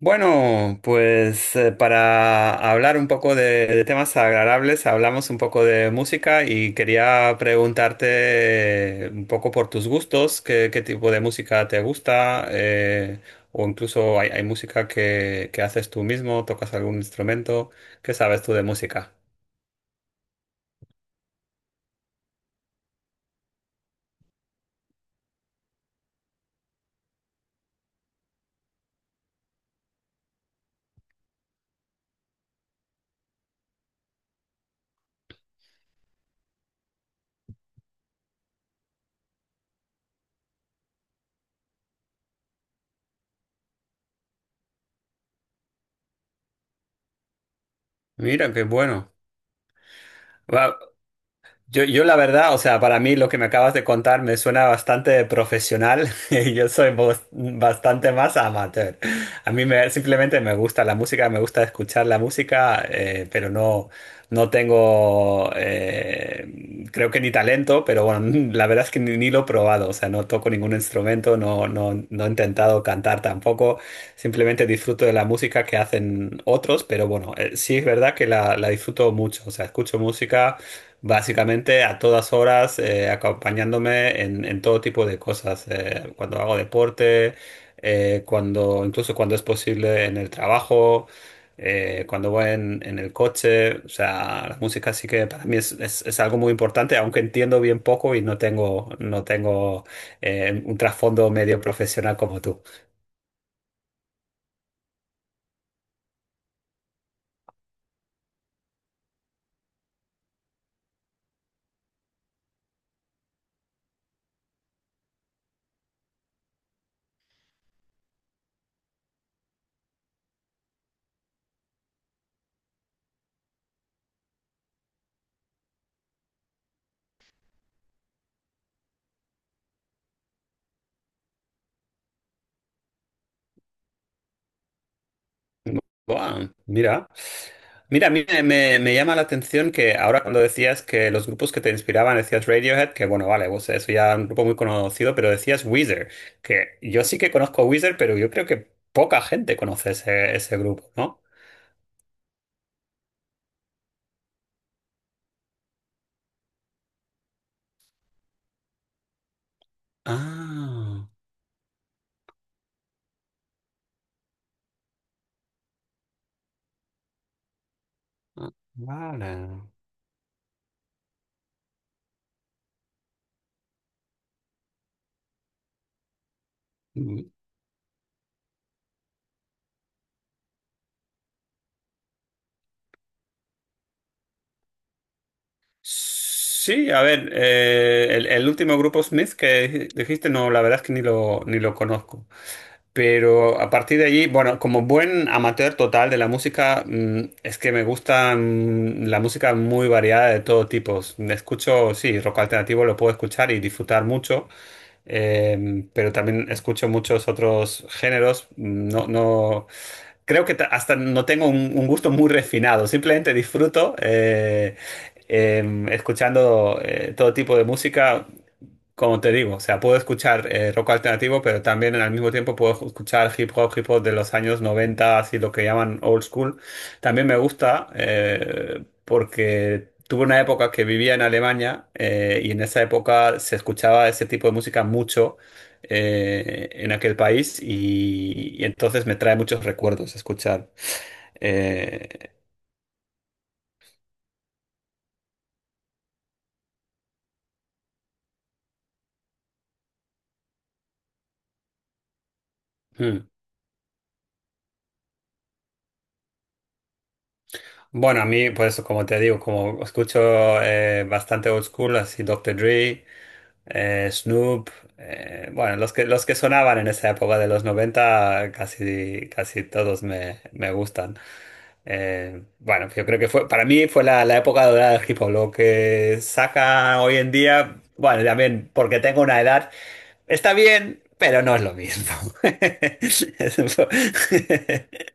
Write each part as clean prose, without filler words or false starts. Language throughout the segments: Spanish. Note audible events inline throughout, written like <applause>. Bueno, pues para hablar un poco de temas agradables, hablamos un poco de música y quería preguntarte un poco por tus gustos, qué tipo de música te gusta, o incluso hay música que haces tú mismo, tocas algún instrumento, ¿qué sabes tú de música? Mira, qué bueno. Va- yo la verdad, o sea, para mí lo que me acabas de contar me suena bastante profesional <laughs> y yo soy bastante más amateur. A mí me, simplemente me gusta la música, me gusta escuchar la música, pero no tengo, creo que ni talento, pero bueno, <laughs> la verdad es que ni lo he probado, o sea, no toco ningún instrumento, no, no, no he intentado cantar tampoco, simplemente disfruto de la música que hacen otros, pero bueno, sí es verdad que la disfruto mucho, o sea, escucho música básicamente a todas horas acompañándome en todo tipo de cosas, cuando hago deporte, incluso cuando es posible en el trabajo, cuando voy en el coche, o sea, la música sí que para mí es algo muy importante, aunque entiendo bien poco y no tengo, un trasfondo medio profesional como tú. Buah, mira. Mira, a mí me llama la atención que ahora cuando decías que los grupos que te inspiraban, decías Radiohead, que bueno, vale, pues eso ya es un grupo muy conocido, pero decías Weezer, que yo sí que conozco Weezer, pero yo creo que poca gente conoce ese grupo, ¿no? Ah, ah, vale. Mm. Sí, a ver, el último grupo Smith que dijiste, no, la verdad es que ni lo conozco. Pero a partir de allí, bueno, como buen amateur total de la música, es que me gusta la música muy variada de todo tipo. Escucho, sí, rock alternativo lo puedo escuchar y disfrutar mucho, pero también escucho muchos otros géneros. No, no, creo que hasta no tengo un gusto muy refinado, simplemente disfruto, escuchando todo tipo de música, como te digo, o sea, puedo escuchar rock alternativo, pero también al mismo tiempo puedo escuchar hip hop de los años 90, así lo que llaman old school. También me gusta porque tuve una época que vivía en Alemania y en esa época se escuchaba ese tipo de música mucho en aquel país y entonces me trae muchos recuerdos escuchar eh, hmm. Bueno, a mí, por eso, como te digo, como escucho bastante old school, así Doctor Dre, Snoop, bueno, los que sonaban en esa época de los 90 casi, casi todos me gustan. Bueno, yo creo que fue, para mí fue la época dorada del hip hop. Lo que saca hoy en día, bueno, también porque tengo una edad, está bien, pero no es lo mismo. <laughs> Es un po-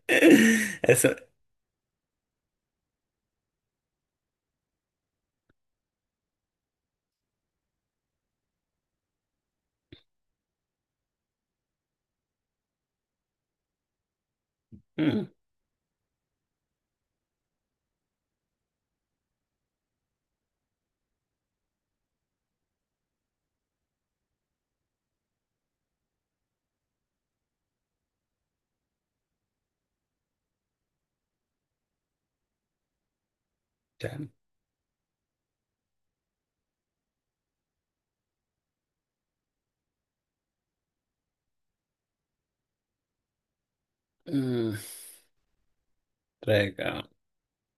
<laughs> Eso. Mm, sí. Mm, Drake, ah.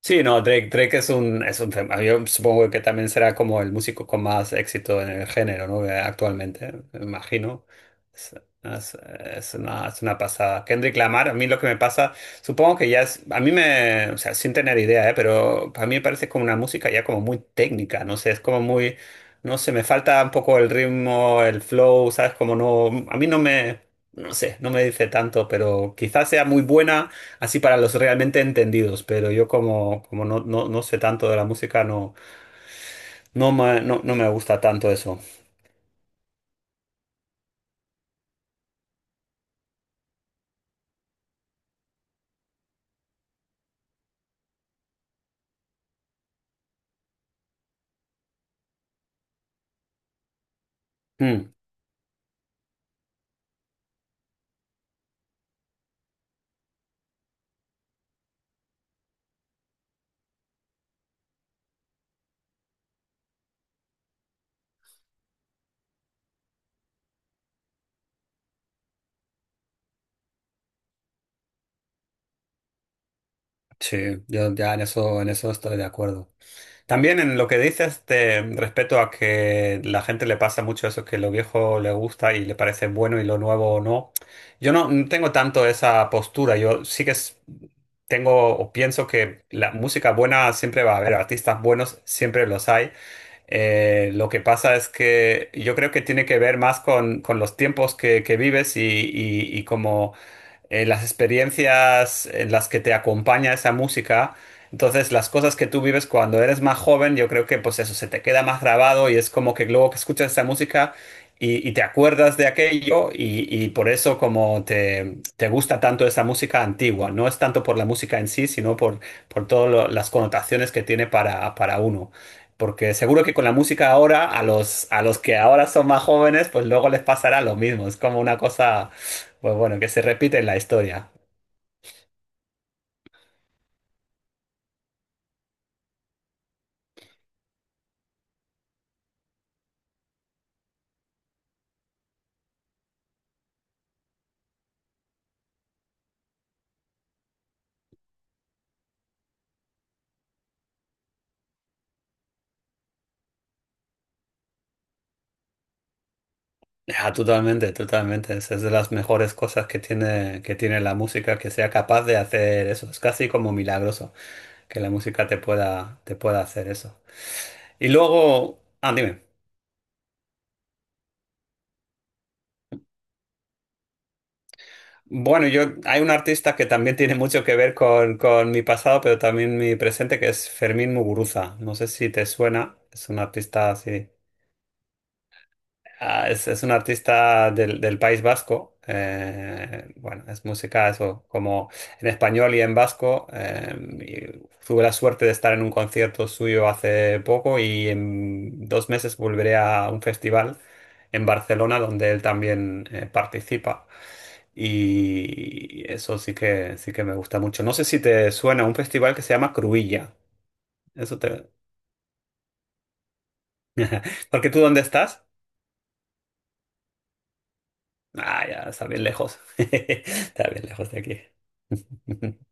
Sí, no, Drake, Drake es un fenómeno. Yo supongo que también será como el músico con más éxito en el género, ¿no? Actualmente, me imagino. Es, es una pasada. Kendrick Lamar, a mí lo que me pasa, supongo que ya es, a mí me, o sea, sin tener idea, ¿eh? Pero a mí me parece como una música ya como muy técnica, no sé, es como muy, no sé, me falta un poco el ritmo, el flow, ¿sabes? Como no, a mí no me... No sé, no me dice tanto, pero quizás sea muy buena. Así para los realmente entendidos, pero yo como, no, no, no sé tanto de la música, no, no me, no, no me gusta tanto eso. Mm, sí, yo ya en eso estoy de acuerdo. También en lo que dices respecto a que la gente le pasa mucho eso, que lo viejo le gusta y le parece bueno y lo nuevo no. Yo no tengo tanto esa postura, yo sí que tengo o pienso que la música buena siempre va a haber, artistas buenos siempre los hay. Lo que pasa es que yo creo que tiene que ver más con los tiempos que vives y como las experiencias en las que te acompaña esa música. Entonces, las cosas que tú vives cuando eres más joven, yo creo que pues eso se te queda más grabado y es como que luego que escuchas esa música y te acuerdas de aquello y por eso como te gusta tanto esa música antigua. No es tanto por la música en sí, sino por todas las connotaciones que tiene para uno. Porque seguro que con la música ahora, a los, que ahora son más jóvenes, pues luego les pasará lo mismo. Es como una cosa pues bueno, que se repite la historia. Ah, totalmente, totalmente. Esa es de las mejores cosas que tiene la música, que sea capaz de hacer eso. Es casi como milagroso que la música te pueda hacer eso. Y luego, ah, dime. Bueno, yo hay un artista que también tiene mucho que ver con mi pasado, pero también mi presente, que es Fermín Muguruza. No sé si te suena, es un artista así. Ah, es un artista del País Vasco. Bueno, es música, eso, como en español y en vasco. Y tuve la suerte de estar en un concierto suyo hace poco y en 2 meses volveré a un festival en Barcelona donde él también participa. Y eso sí que me gusta mucho. No sé si te suena un festival que se llama Cruilla. Eso te... Porque tú, ¿dónde estás? Ah, ya, está bien lejos. <laughs> Está bien lejos de aquí. <laughs>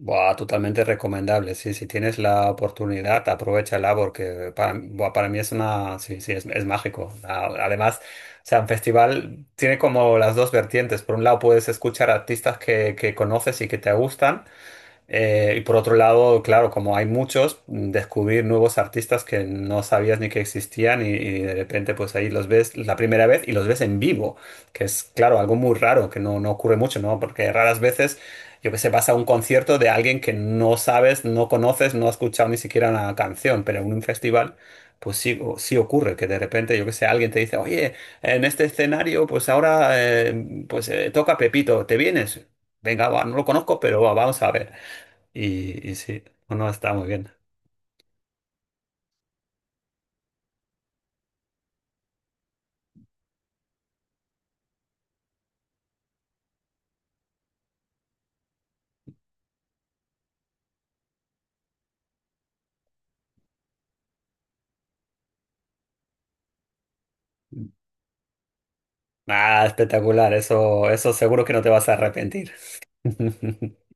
Buah, totalmente recomendable. Sí, si tienes la oportunidad, aprovéchala porque para mí es una. Sí, sí, es mágico. Además, o sea, un festival tiene como las dos vertientes. Por un lado, puedes escuchar artistas que conoces y que te gustan. Y por otro lado, claro, como hay muchos, descubrir nuevos artistas que no sabías ni que existían y de repente pues ahí los ves la primera vez y los ves en vivo, que es claro, algo muy raro, que no ocurre mucho, ¿no? Porque raras veces, yo que sé, vas a un concierto de alguien que no sabes, no conoces, no has escuchado ni siquiera una canción, pero en un festival... Pues sí, sí ocurre que de repente, yo que sé, alguien te dice, oye, en este escenario, pues ahora, pues toca Pepito, ¿te vienes? Venga, va, no lo conozco, pero va, vamos a ver. Y sí, no, no, está muy bien. Ah, espectacular, eso seguro que no te vas a arrepentir. <laughs>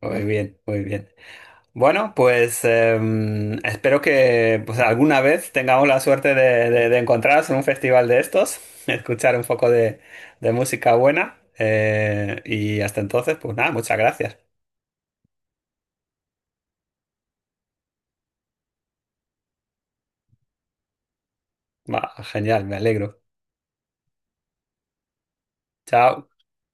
Muy bien, muy bien. Bueno, pues espero que pues, alguna vez tengamos la suerte de encontrarnos en un festival de estos, <laughs> escuchar un poco de música buena. Y hasta entonces, pues nada, muchas gracias. Va, genial, me alegro. Chao.